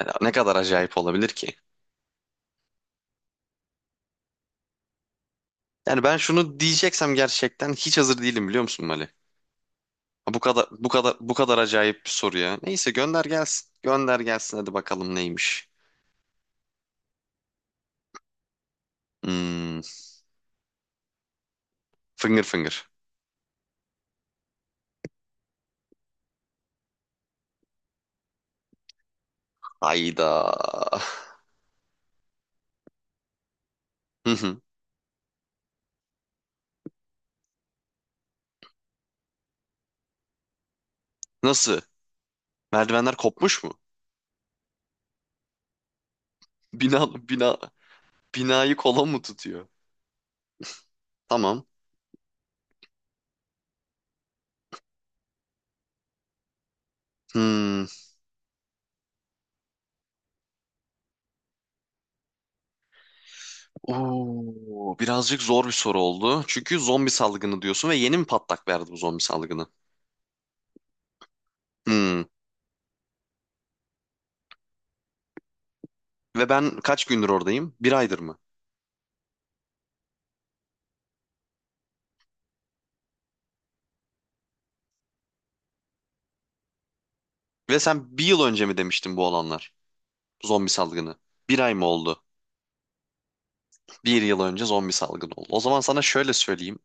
Yani ne kadar acayip olabilir ki? Yani ben şunu diyeceksem gerçekten hiç hazır değilim biliyor musun Mali? Ha, Bu kadar acayip bir soru ya. Neyse gönder gelsin. Gönder gelsin hadi bakalım neymiş. Hmm, finger finger. Hayda. Hı hı. Nasıl? Merdivenler kopmuş mu? Bina bina binayı kola mı tutuyor? Tamam. Hmm. Oo, birazcık zor bir soru oldu. Çünkü zombi salgını diyorsun ve yeni mi patlak verdi bu zombi salgını? Hmm. Ve ben kaç gündür oradayım? Bir aydır mı? Ve sen bir yıl önce mi demiştin bu olanlar? Zombi salgını. Bir ay mı oldu? Bir yıl önce zombi salgını oldu. O zaman sana şöyle söyleyeyim.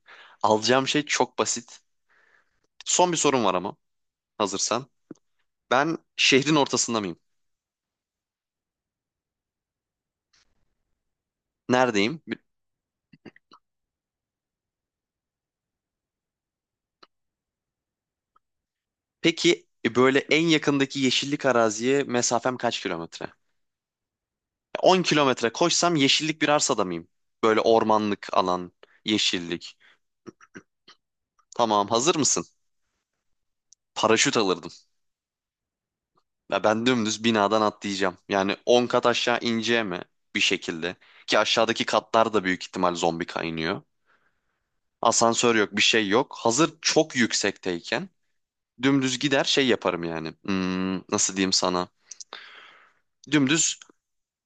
Alacağım şey çok basit. Son bir sorum var ama hazırsan. Ben şehrin ortasında mıyım? Neredeyim? Peki böyle en yakındaki yeşillik araziye mesafem kaç kilometre? 10 kilometre koşsam yeşillik bir arsada mıyım? Böyle ormanlık alan, yeşillik. Tamam, hazır mısın? Paraşüt alırdım. Ya ben dümdüz binadan atlayacağım. Yani 10 kat aşağı ineceğim mi bir şekilde. Ki aşağıdaki katlar da büyük ihtimal zombi kaynıyor. Asansör yok, bir şey yok. Hazır çok yüksekteyken dümdüz gider şey yaparım yani. Nasıl diyeyim sana? Dümdüz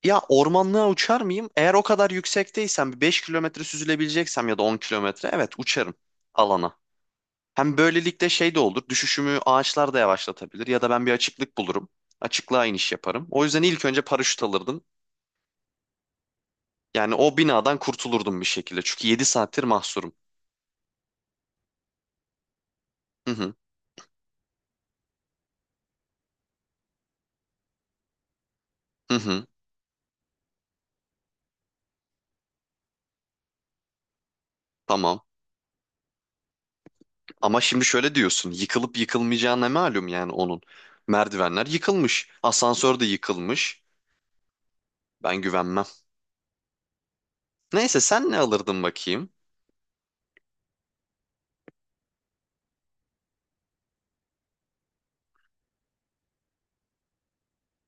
ya ormanlığa uçar mıyım? Eğer o kadar yüksekteysem bir 5 kilometre süzülebileceksem ya da 10 kilometre evet uçarım alana. Hem böylelikle şey de olur. Düşüşümü ağaçlar da yavaşlatabilir ya da ben bir açıklık bulurum açıklığa iniş yaparım. O yüzden ilk önce paraşüt alırdım. Yani o binadan kurtulurdum bir şekilde. Çünkü 7 saattir mahsurum. Hı hı. Hı hı. Tamam. Ama şimdi şöyle diyorsun. Yıkılıp yıkılmayacağı ne malum yani onun. Merdivenler yıkılmış. Asansör de yıkılmış. Ben güvenmem. Neyse sen ne alırdın bakayım?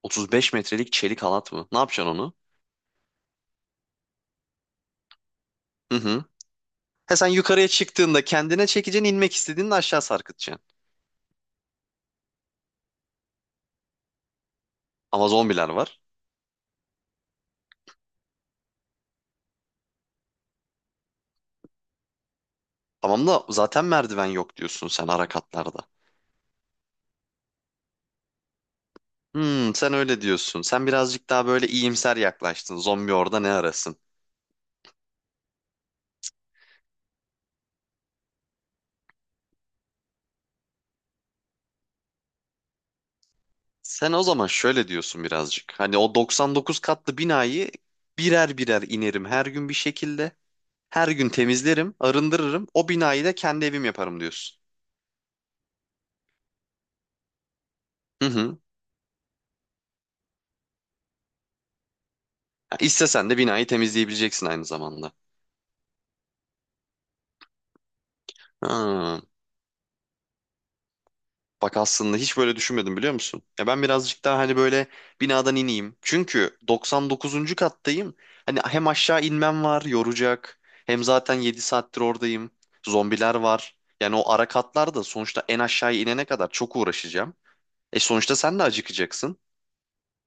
35 metrelik çelik halat mı? Ne yapacaksın onu? Hı hı. He sen yukarıya çıktığında kendine çekeceksin, inmek istediğinde aşağı sarkıtacaksın. Ama zombiler var. Tamam da zaten merdiven yok diyorsun sen ara katlarda. Sen öyle diyorsun. Sen birazcık daha böyle iyimser yaklaştın. Zombi orada ne arasın? Sen o zaman şöyle diyorsun birazcık. Hani o 99 katlı binayı birer birer inerim her gün bir şekilde. Her gün temizlerim, arındırırım. O binayı da kendi evim yaparım diyorsun. Hı hı. Ya İstesen de binayı temizleyebileceksin aynı zamanda. Ha. Bak aslında hiç böyle düşünmedim biliyor musun? Ya ben birazcık daha hani böyle binadan ineyim. Çünkü 99. kattayım. Hani hem aşağı inmem var yoracak. Hem zaten 7 saattir oradayım. Zombiler var. Yani o ara katlar da sonuçta en aşağıya inene kadar çok uğraşacağım. E sonuçta sen de acıkacaksın.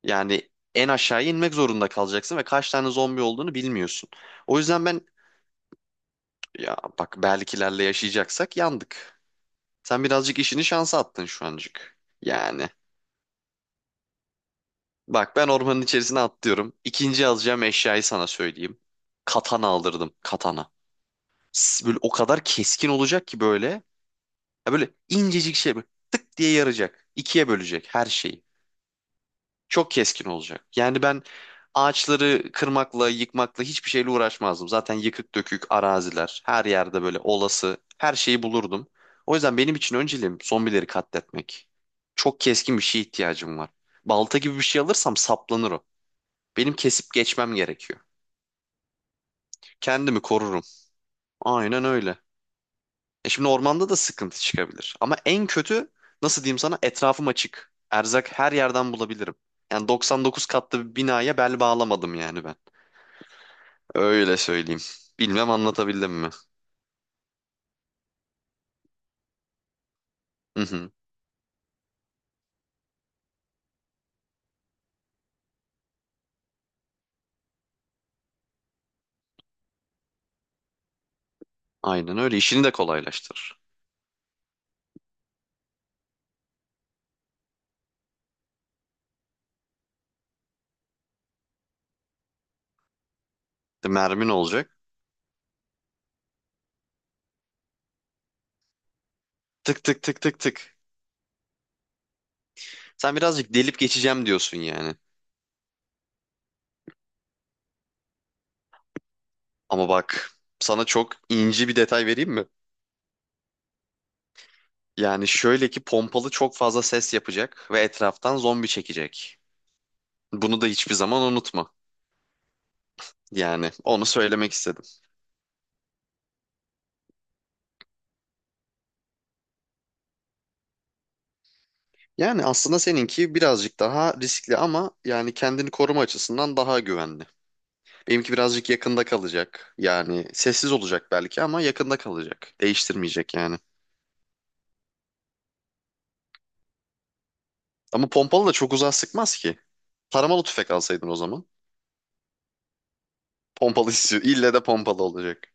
Yani en aşağıya inmek zorunda kalacaksın ve kaç tane zombi olduğunu bilmiyorsun. O yüzden ben ya bak belkilerle yaşayacaksak yandık. Sen birazcık işini şansa attın şu ancık. Yani bak ben ormanın içerisine atlıyorum. İkinci yazacağım eşyayı sana söyleyeyim. Katana aldırdım. Katana. Böyle o kadar keskin olacak ki böyle. Ya böyle incecik şey böyle tık diye yaracak. İkiye bölecek her şeyi. Çok keskin olacak. Yani ben ağaçları kırmakla, yıkmakla hiçbir şeyle uğraşmazdım. Zaten yıkık dökük araziler, her yerde böyle olası her şeyi bulurdum. O yüzden benim için önceliğim zombileri katletmek. Çok keskin bir şeye ihtiyacım var. Balta gibi bir şey alırsam saplanır o. Benim kesip geçmem gerekiyor. Kendimi korurum. Aynen öyle. E şimdi ormanda da sıkıntı çıkabilir. Ama en kötü nasıl diyeyim sana etrafım açık. Erzak her yerden bulabilirim. Yani 99 katlı bir binaya bel bağlamadım yani ben. Öyle söyleyeyim. Bilmem anlatabildim mi? Hı hı. Aynen öyle. İşini de kolaylaştırır. De mermin olacak. Tık tık tık tık tık. Sen birazcık delip geçeceğim diyorsun yani. Ama bak sana çok ince bir detay vereyim mi? Yani şöyle ki pompalı çok fazla ses yapacak ve etraftan zombi çekecek. Bunu da hiçbir zaman unutma. Yani onu söylemek istedim. Yani aslında seninki birazcık daha riskli ama yani kendini koruma açısından daha güvenli. Benimki birazcık yakında kalacak. Yani sessiz olacak belki ama yakında kalacak. Değiştirmeyecek yani. Ama pompalı da çok uzağa sıkmaz ki. Taramalı tüfek alsaydın o zaman. Pompalı istiyor. İlle de pompalı olacak.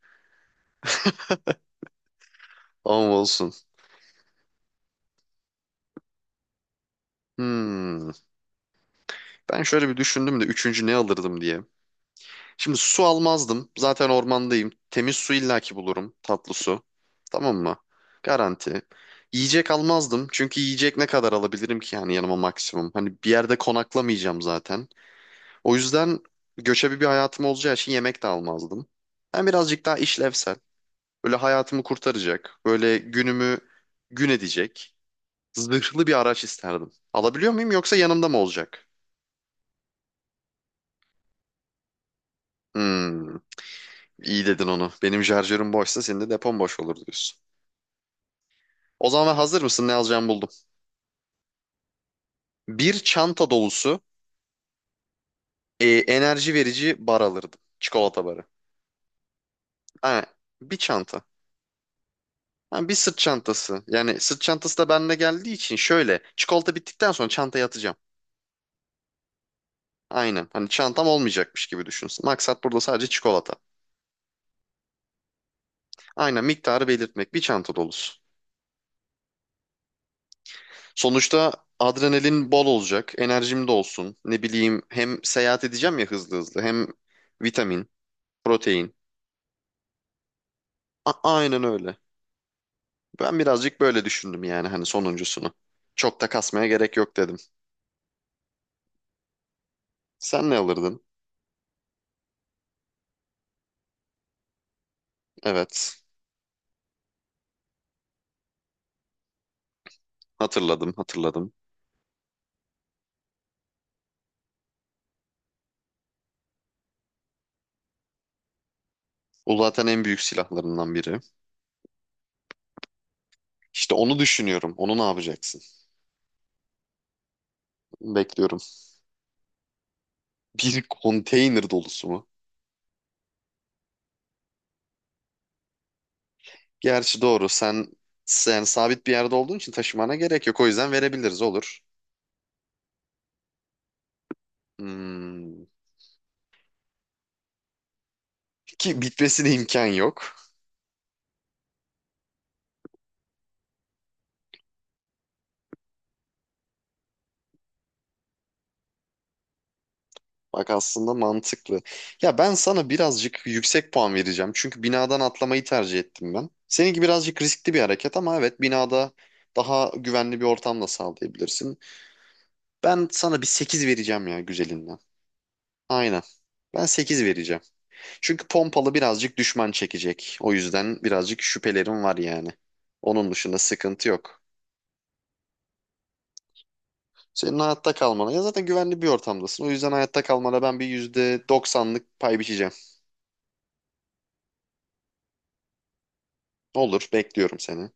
Ama olsun. Hmm. Ben şöyle bir düşündüm de üçüncü ne alırdım diye. Şimdi su almazdım. Zaten ormandayım. Temiz su illaki bulurum. Tatlı su. Tamam mı? Garanti. Yiyecek almazdım. Çünkü yiyecek ne kadar alabilirim ki yani yanıma maksimum. Hani bir yerde konaklamayacağım zaten. O yüzden göçebe bir hayatım olacağı için yemek de almazdım. Ben birazcık daha işlevsel. Böyle hayatımı kurtaracak. Böyle günümü gün edecek. Zırhlı bir araç isterdim. Alabiliyor muyum yoksa yanımda mı olacak? Hmm, iyi dedin onu. Benim şarjörüm boşsa senin de depon boş olur diyorsun. O zaman hazır mısın? Ne alacağımı buldum. Bir çanta dolusu enerji verici bar alırdım. Çikolata barı. Ha, bir çanta. Ha, bir sırt çantası. Yani sırt çantası da bende geldiği için şöyle. Çikolata bittikten sonra çantaya atacağım. Aynen. Hani çantam olmayacakmış gibi düşünsün. Maksat burada sadece çikolata. Aynen miktarı belirtmek. Bir çanta dolusu. Sonuçta adrenalin bol olacak. Enerjim de olsun. Ne bileyim hem seyahat edeceğim ya hızlı hızlı. Hem vitamin, protein. Aynen öyle. Ben birazcık böyle düşündüm yani hani sonuncusunu. Çok da kasmaya gerek yok dedim. Sen ne alırdın? Evet. Hatırladım, hatırladım. O zaten en büyük silahlarından biri. İşte onu düşünüyorum. Onu ne yapacaksın? Bekliyorum. Bir konteyner dolusu mu? Gerçi doğru. Sen sabit bir yerde olduğun için taşımana gerek yok. O yüzden verebiliriz olur. Hmm. Ki bitmesine imkan yok. Bak aslında mantıklı. Ya ben sana birazcık yüksek puan vereceğim. Çünkü binadan atlamayı tercih ettim ben. Seninki birazcık riskli bir hareket ama evet binada daha güvenli bir ortam da sağlayabilirsin. Ben sana bir 8 vereceğim ya güzelinden. Aynen. Ben 8 vereceğim. Çünkü pompalı birazcık düşman çekecek. O yüzden birazcık şüphelerim var yani. Onun dışında sıkıntı yok. Senin hayatta kalmana ya zaten güvenli bir ortamdasın. O yüzden hayatta kalmana ben bir %90'lık pay biçeceğim. Olur, bekliyorum seni.